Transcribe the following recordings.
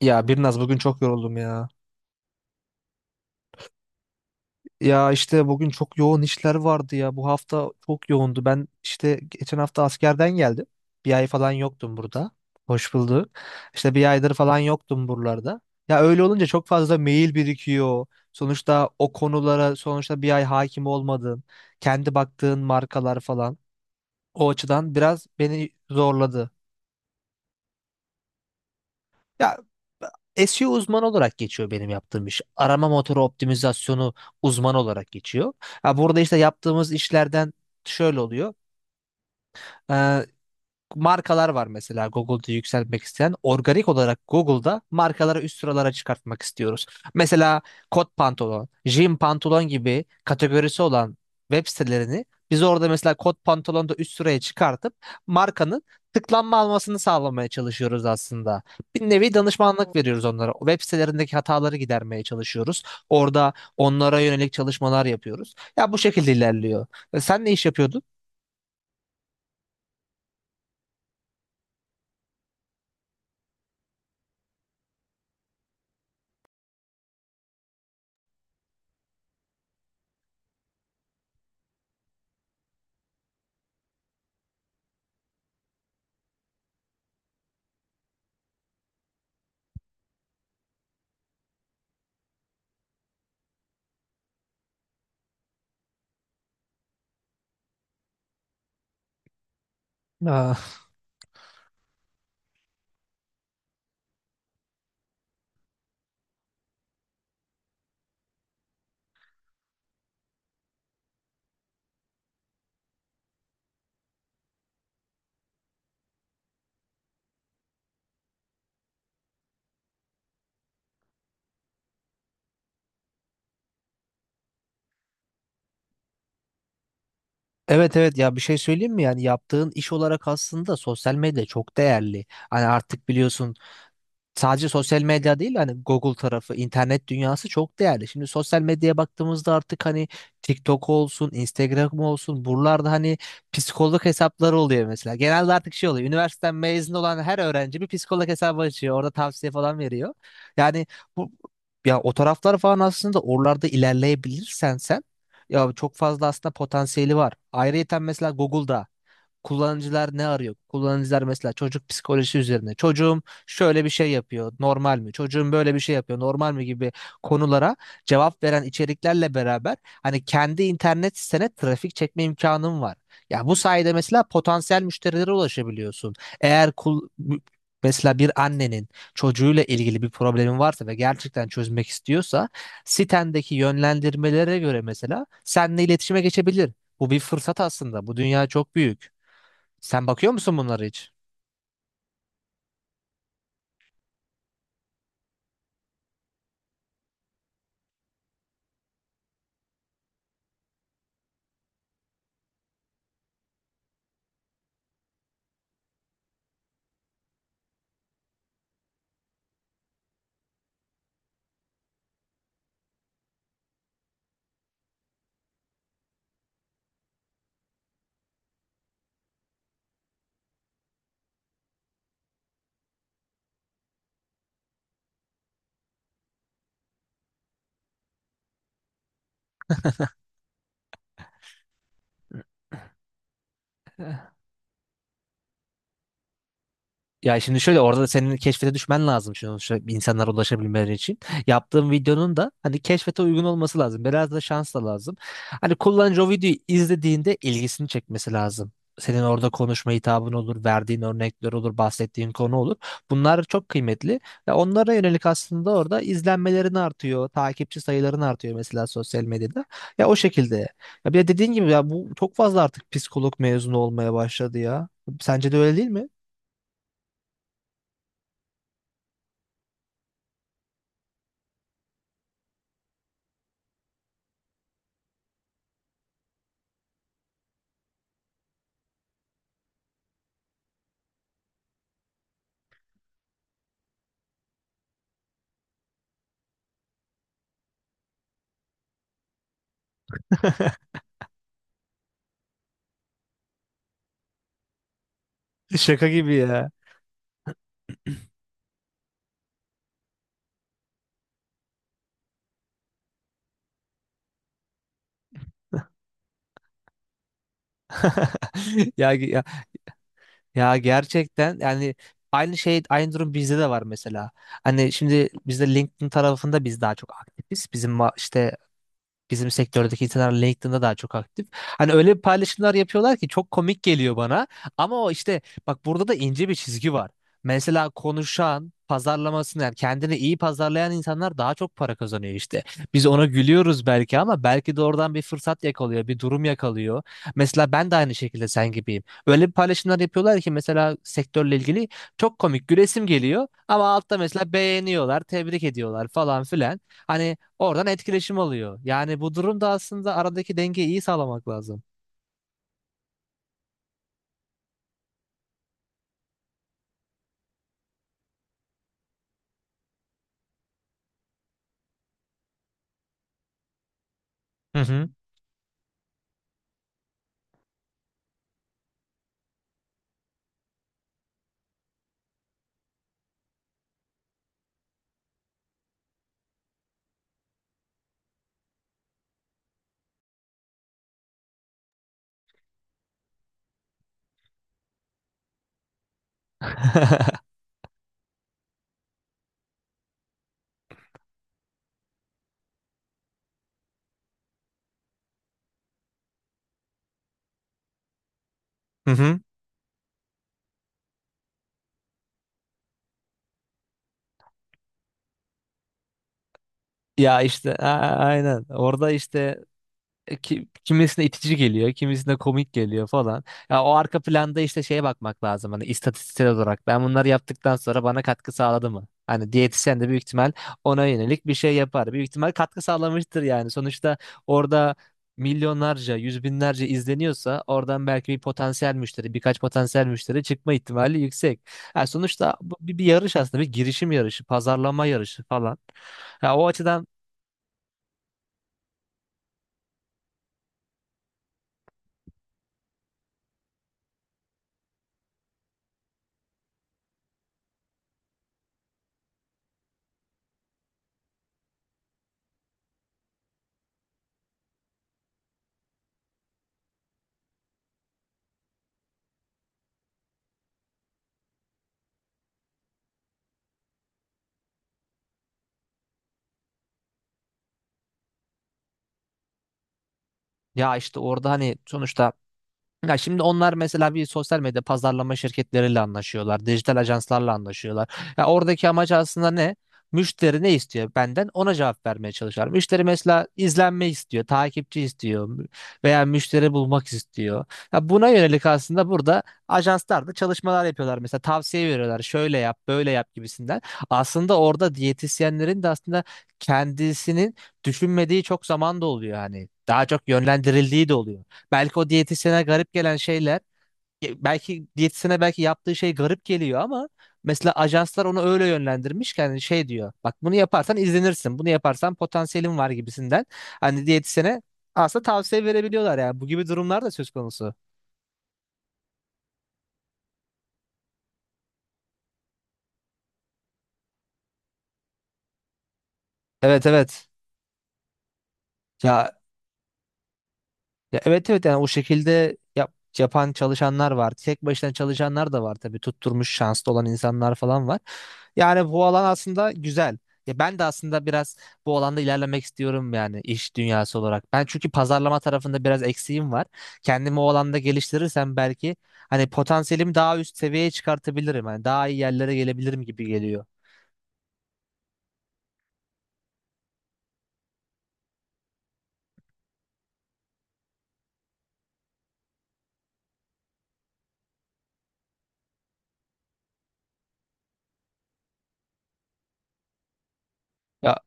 Ya Birnaz bugün çok yoruldum ya. Ya işte bugün çok yoğun işler vardı ya. Bu hafta çok yoğundu. Ben işte geçen hafta askerden geldim. Bir ay falan yoktum burada. Hoş bulduk. İşte bir aydır falan yoktum buralarda. Ya öyle olunca çok fazla mail birikiyor. Sonuçta o konulara sonuçta bir ay hakim olmadın. Kendi baktığın markalar falan. O açıdan biraz beni zorladı. Ya SEO uzmanı olarak geçiyor benim yaptığım iş. Arama motoru optimizasyonu uzmanı olarak geçiyor. Ha, burada işte yaptığımız işlerden şöyle oluyor. Ee, Markalar var mesela Google'da yükseltmek isteyen. Organik olarak Google'da markaları üst sıralara çıkartmak istiyoruz. Mesela kot pantolon, jean pantolon gibi kategorisi olan web sitelerini biz orada mesela kot pantolonu da üst sıraya çıkartıp markanın tıklanma almasını sağlamaya çalışıyoruz aslında. Bir nevi danışmanlık veriyoruz onlara. Web sitelerindeki hataları gidermeye çalışıyoruz. Orada onlara yönelik çalışmalar yapıyoruz. Ya bu şekilde ilerliyor. E, sen ne iş yapıyordun? Evet evet, ya bir şey söyleyeyim mi, yani yaptığın iş olarak aslında sosyal medya çok değerli. Hani artık biliyorsun sadece sosyal medya değil, hani Google tarafı, internet dünyası çok değerli. Şimdi sosyal medyaya baktığımızda artık hani TikTok olsun, Instagram olsun buralarda hani psikolog hesapları oluyor mesela. Genelde artık şey oluyor. Üniversiteden mezun olan her öğrenci bir psikolog hesabı açıyor. Orada tavsiye falan veriyor. Yani bu ya o taraflar falan aslında oralarda ilerleyebilirsen sen ya çok fazla aslında potansiyeli var. Ayrıyeten mesela Google'da kullanıcılar ne arıyor? Kullanıcılar mesela çocuk psikolojisi üzerine. Çocuğum şöyle bir şey yapıyor, normal mi? Çocuğum böyle bir şey yapıyor, normal mi gibi konulara cevap veren içeriklerle beraber hani kendi internet sitene trafik çekme imkanın var. Ya bu sayede mesela potansiyel müşterilere ulaşabiliyorsun. Eğer kul mesela bir annenin çocuğuyla ilgili bir problemi varsa ve gerçekten çözmek istiyorsa sitendeki yönlendirmelere göre mesela seninle iletişime geçebilir. Bu bir fırsat aslında. Bu dünya çok büyük. Sen bakıyor musun bunlara hiç? Ya şimdi şöyle orada da senin keşfete düşmen lazım şimdi sonuçta insanlara ulaşabilmeleri için. Yaptığım videonun da hani keşfete uygun olması lazım. Biraz da şans da lazım. Hani kullanıcı o videoyu izlediğinde ilgisini çekmesi lazım. Senin orada konuşma hitabın olur, verdiğin örnekler olur, bahsettiğin konu olur. Bunlar çok kıymetli ve onlara yönelik aslında orada izlenmelerin artıyor, takipçi sayıların artıyor mesela sosyal medyada. Ya o şekilde. Ya bir de dediğin gibi ya bu çok fazla artık psikolog mezunu olmaya başladı ya. Sence de öyle değil mi? Şaka gibi ya. Ya, ya, ya gerçekten yani aynı şey, aynı durum bizde de var mesela. Hani şimdi bizde LinkedIn tarafında biz daha çok aktifiz. İşte bizim sektördeki insanlar LinkedIn'da daha çok aktif. Hani öyle paylaşımlar yapıyorlar ki çok komik geliyor bana. Ama o işte bak burada da ince bir çizgi var. Mesela konuşan, pazarlamasını yani kendini iyi pazarlayan insanlar daha çok para kazanıyor işte. Biz ona gülüyoruz belki ama belki de oradan bir fırsat yakalıyor, bir durum yakalıyor. Mesela ben de aynı şekilde sen gibiyim. Öyle bir paylaşımlar yapıyorlar ki mesela sektörle ilgili çok komik, gülesim geliyor ama altta mesela beğeniyorlar, tebrik ediyorlar falan filan. Hani oradan etkileşim alıyor. Yani bu durumda aslında aradaki dengeyi iyi sağlamak lazım. Hı hı. Hı hı. Ya işte aynen. Orada işte kimisine itici geliyor, kimisine komik geliyor falan. Ya o arka planda işte şeye bakmak lazım hani istatistiksel olarak. Ben bunları yaptıktan sonra bana katkı sağladı mı? Hani diyetisyen de büyük ihtimal ona yönelik bir şey yapar. Büyük ihtimal katkı sağlamıştır yani. Sonuçta orada milyonlarca, yüz binlerce izleniyorsa oradan belki bir potansiyel müşteri, birkaç potansiyel müşteri çıkma ihtimali yüksek. Yani sonuçta bu bir, bir yarış aslında, bir girişim yarışı, pazarlama yarışı falan. Ya o açıdan ya işte orada hani sonuçta ya şimdi onlar mesela bir sosyal medya pazarlama şirketleriyle anlaşıyorlar, dijital ajanslarla anlaşıyorlar. Ya oradaki amaç aslında ne? Müşteri ne istiyor benden? Ona cevap vermeye çalışıyorlar. Müşteri mesela izlenme istiyor, takipçi istiyor veya müşteri bulmak istiyor. Ya buna yönelik aslında burada ajanslar da çalışmalar yapıyorlar. Mesela tavsiye veriyorlar. Şöyle yap, böyle yap gibisinden. Aslında orada diyetisyenlerin de aslında kendisinin düşünmediği çok zaman da oluyor hani. Daha çok yönlendirildiği de oluyor. Belki o diyetisyene garip gelen şeyler, belki diyetisyene belki yaptığı şey garip geliyor ama mesela ajanslar onu öyle yönlendirmiş ki hani şey diyor. Bak bunu yaparsan izlenirsin. Bunu yaparsan potansiyelin var gibisinden. Hani diyetisyene aslında tavsiye verebiliyorlar yani. Bu gibi durumlar da söz konusu. Evet evet. Ya ya evet evet yani o şekilde yapan çalışanlar var. Tek başına çalışanlar da var tabii. Tutturmuş şanslı olan insanlar falan var. Yani bu alan aslında güzel. Ya ben de aslında biraz bu alanda ilerlemek istiyorum yani iş dünyası olarak. Ben çünkü pazarlama tarafında biraz eksiğim var. Kendimi o alanda geliştirirsem belki hani potansiyelimi daha üst seviyeye çıkartabilirim. Hani daha iyi yerlere gelebilirim gibi geliyor. Ya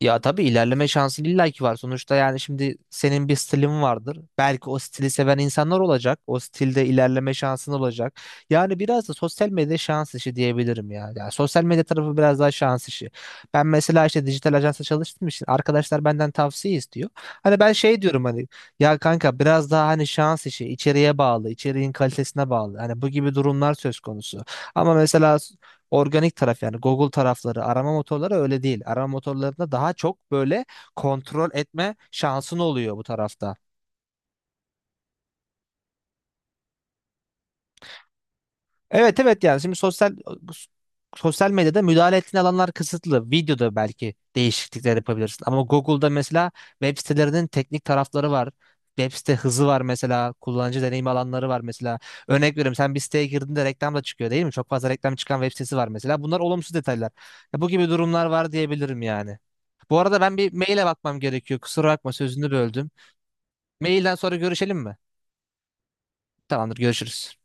ya tabii ilerleme şansın illaki var. Sonuçta yani şimdi senin bir stilin vardır. Belki o stili seven insanlar olacak. O stilde ilerleme şansın olacak. Yani biraz da sosyal medya şans işi diyebilirim ya. Yani sosyal medya tarafı biraz daha şans işi. Ben mesela işte dijital ajansa çalıştığım için arkadaşlar benden tavsiye istiyor. Hani ben şey diyorum hani ya kanka biraz daha hani şans işi, içeriğe bağlı, içeriğin kalitesine bağlı. Hani bu gibi durumlar söz konusu. Ama mesela organik taraf yani Google tarafları, arama motorları öyle değil. Arama motorlarında daha çok böyle kontrol etme şansın oluyor bu tarafta. Evet evet yani şimdi sosyal medyada müdahale ettiğin alanlar kısıtlı. Videoda belki değişiklikler yapabilirsin. Ama Google'da mesela web sitelerinin teknik tarafları var. Web site hızı var mesela. Kullanıcı deneyim alanları var mesela. Örnek veriyorum, sen bir siteye girdiğinde reklam da çıkıyor değil mi? Çok fazla reklam çıkan web sitesi var mesela. Bunlar olumsuz detaylar. Ya bu gibi durumlar var diyebilirim yani. Bu arada ben bir maile bakmam gerekiyor. Kusura bakma, sözünü böldüm. Mailden sonra görüşelim mi? Tamamdır, görüşürüz.